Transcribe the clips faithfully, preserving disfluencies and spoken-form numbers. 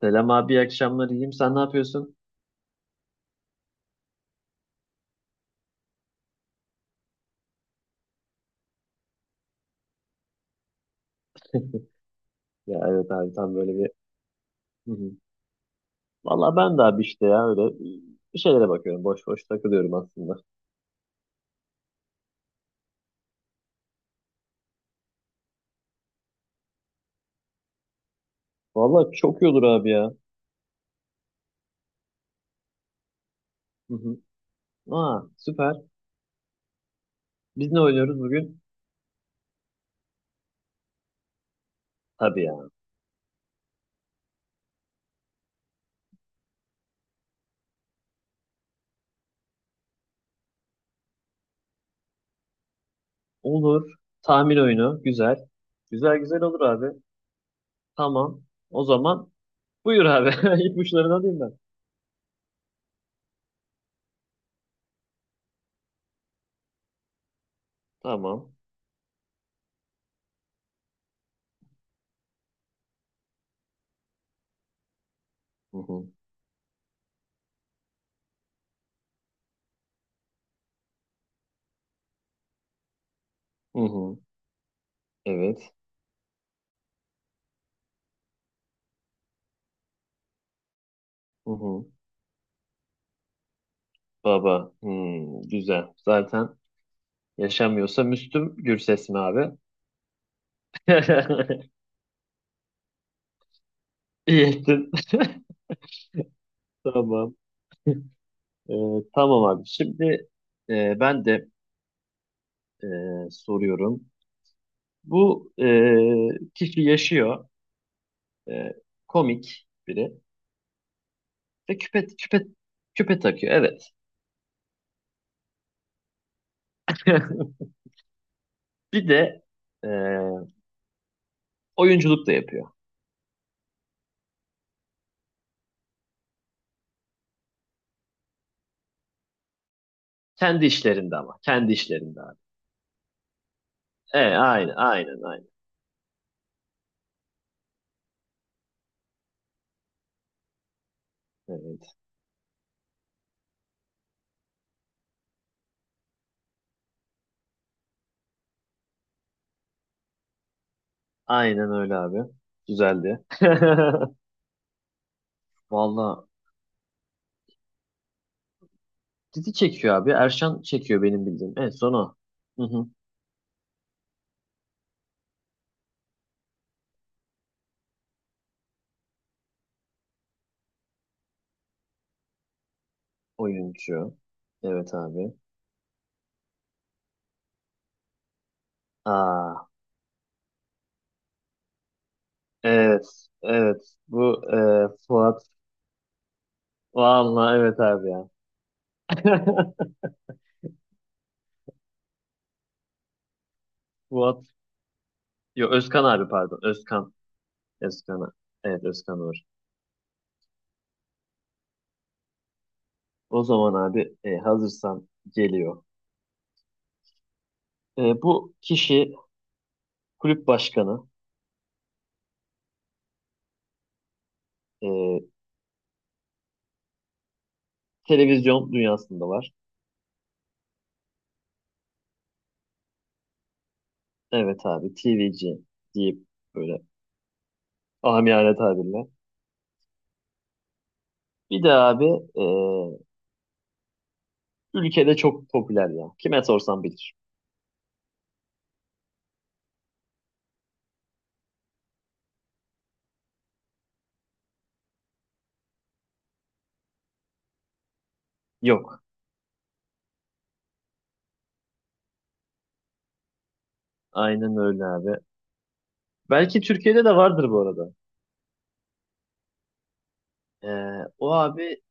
Selam abi, iyi akşamlar. İyiyim. Sen ne yapıyorsun? Ya evet abi tam böyle bir... Hı hı. Valla ben de abi işte ya öyle bir şeylere bakıyorum. Boş boş takılıyorum aslında. Valla çok iyi olur abi ya. Hı hı. Aa süper. Biz ne oynuyoruz bugün? Tabii ya. Olur. Tahmin oyunu. Güzel. Güzel güzel olur abi. Tamam. O zaman buyur abi. İpuçlarını alayım ben. Tamam. Hı hı. Hı hı. Evet. Hı hı. Baba. Hmm, güzel. Zaten yaşamıyorsa Müslüm Gürses mi abi? İyi ettin. Tamam. Ee, tamam abi. Şimdi e, ben de e, soruyorum. Bu e, kişi yaşıyor. E, komik biri. Ve küpe, küpe, küpe takıyor. Evet. Bir de e, oyunculuk da yapıyor. Kendi işlerinde ama. Kendi işlerinde abi. E, aynen, aynen, aynen. Evet. Aynen öyle abi. Güzeldi. Valla, dizi çekiyor abi. Erşan çekiyor benim bildiğim. En son o. Hı hı. Oyuncu. Evet abi. Aa, evet. Evet. Bu e, Fuat. Vallahi evet abi ya. Fuat. Yo Özkan abi pardon. Özkan. Özkan. Evet Özkan Uğur. O zaman abi e, hazırsan geliyor. E, bu kişi kulüp başkanı. E, televizyon dünyasında var. Evet abi. T V C deyip böyle amiyane tabirle. Bir de abi e, ülkede çok popüler ya. Kime sorsam bilir. Yok. Aynen öyle abi. Belki Türkiye'de de vardır bu arada. Ee, o abi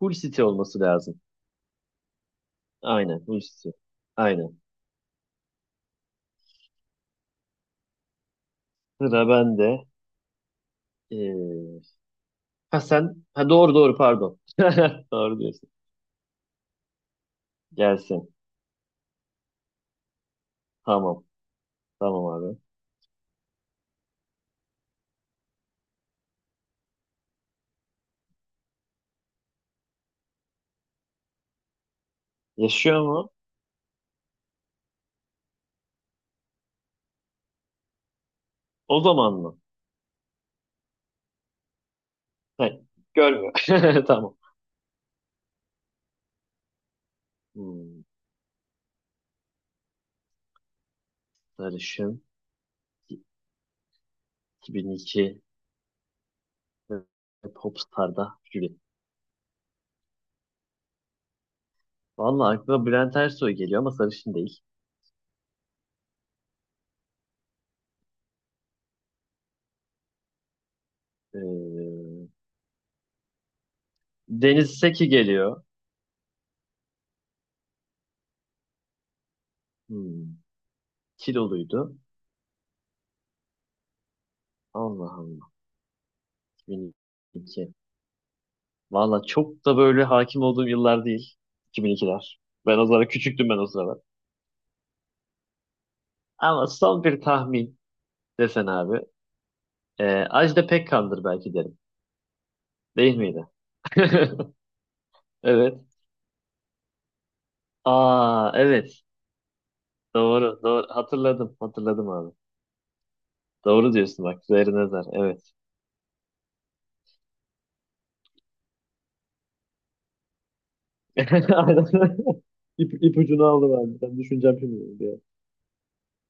Hull City olması lazım. Aynen Hull City. Aynen. Sıra bende. Ee, ha sen ha doğru doğru pardon. Doğru diyorsun. Gelsin. Tamam. Tamam abi. Yaşıyor mu? O zaman mı? Hayır. Görmüyor. Tamam. Hmm, sarışın. iki bin iki ve Popstar'da jüri. Vallahi aklıma Bülent Ersoy geliyor ama sarışın değil. Ee, Deniz Seki geliyor. Hmm, kiloluydu. Allah Allah. iki bin iki. Valla çok da böyle hakim olduğum yıllar değil. iki bin ikiler. Ben o zaman küçüktüm ben o sıralar. Ama son bir tahmin desen abi. Ee, Ajda Pekkan'dır belki derim. Değil miydi? Evet. Aa evet. Doğru. Doğru. Hatırladım. Hatırladım abi. Doğru diyorsun bak. Zerre nazar. Evet. Aynen. İp, ipucunu aldım abi. Ben düşüneceğim şimdi, diye.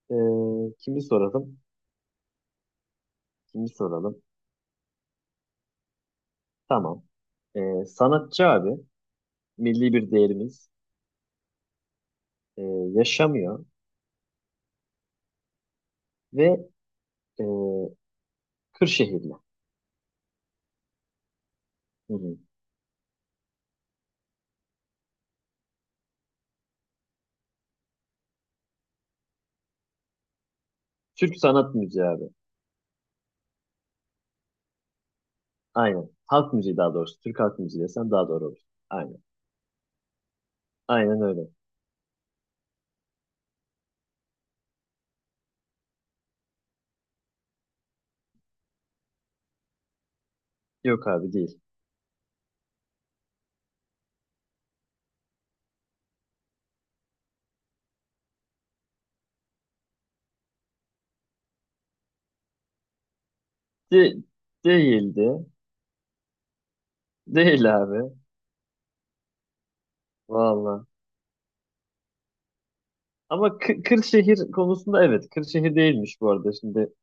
Ee, kimi soralım? Kimi soralım? Tamam. Ee, sanatçı abi, milli bir değerimiz ee, yaşamıyor ve ee, Kırşehirli. Hı hı. Türk sanat müziği abi. Aynen. Halk müziği daha doğrusu. Türk halk müziği desem daha doğru olur. Aynen. Aynen öyle. Yok abi değil. De değildi. Değil abi. Valla. Ama Kı- Kırşehir konusunda evet. Kırşehir değilmiş bu arada. Şimdi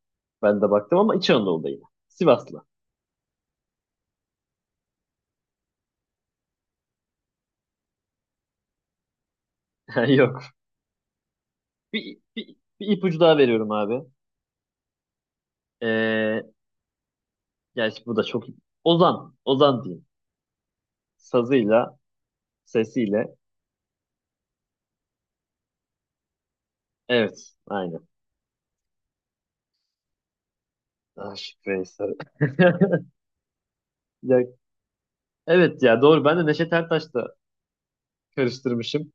ben de baktım ama İç Anadolu'da yine. Sivaslı. Yok. Bir, bir, bir ipucu daha veriyorum abi. Ee, Gerçi bu da çok... Ozan. Ozan diyeyim. Sazıyla, sesiyle. Evet. Aynen. Aşık Veysel. Ya, evet ya doğru. Ben de Neşet Ertaş'la karıştırmışım.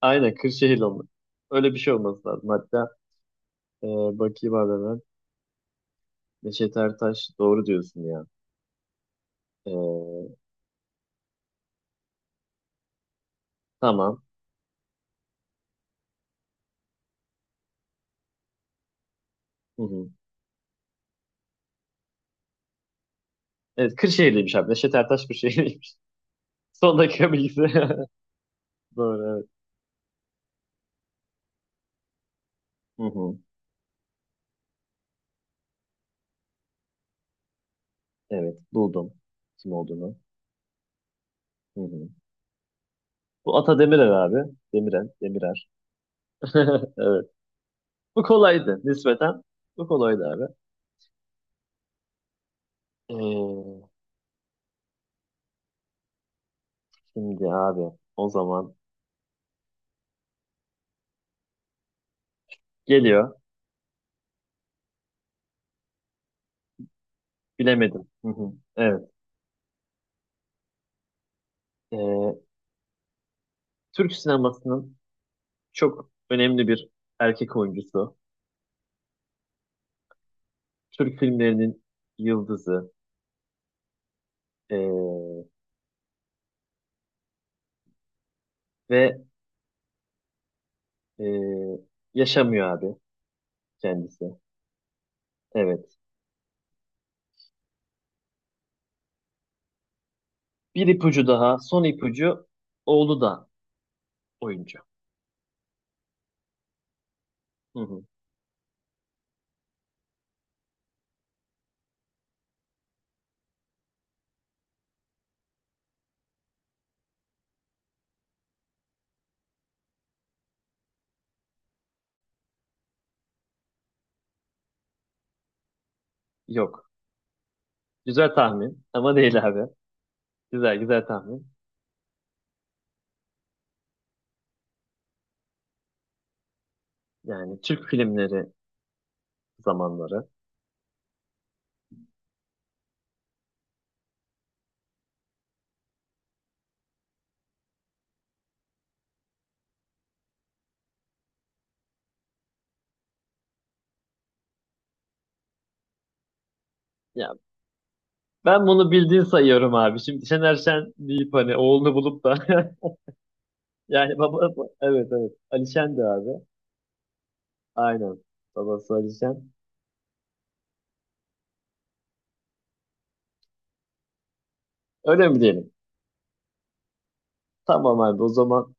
Aynen Kırşehirli olmak. Öyle bir şey olması lazım. Hatta e, bakayım abi hemen. Neşet Ertaş doğru diyorsun ya. E, tamam. Hı hı. Evet Kırşehirliymiş abi. Neşet Ertaş Kırşehirliymiş. Son dakika bilgisi. Doğru evet. Hı hı. Evet buldum kim olduğunu. Hı hı. Bu Ata Demirer abi. Demiren, Demirer. Evet. Bu kolaydı nispeten. Bu kolaydı abi. Ee, şimdi abi o zaman geliyor. Bilemedim. Hı hı. Evet. Ee, Türk sinemasının çok önemli bir erkek oyuncusu. Türk filmlerinin yıldızı. Ee, ve ee, yaşamıyor abi kendisi. Evet. Bir ipucu daha. Son ipucu oğlu da oyuncu. Hı hı. Yok. Güzel tahmin ama değil abi. Güzel güzel tahmin. Yani Türk filmleri zamanları. Ya ben bunu bildiğin sayıyorum abi. Şimdi Şener Şen deyip hani oğlunu bulup da yani baba evet evet Ali Şen de abi. Aynen. Babası Ali Şen. Öyle mi diyelim? Tamam abi o zaman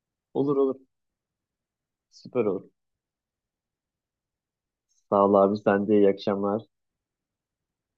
olur olur. Süper olur. Sağ ol abi sen de iyi akşamlar.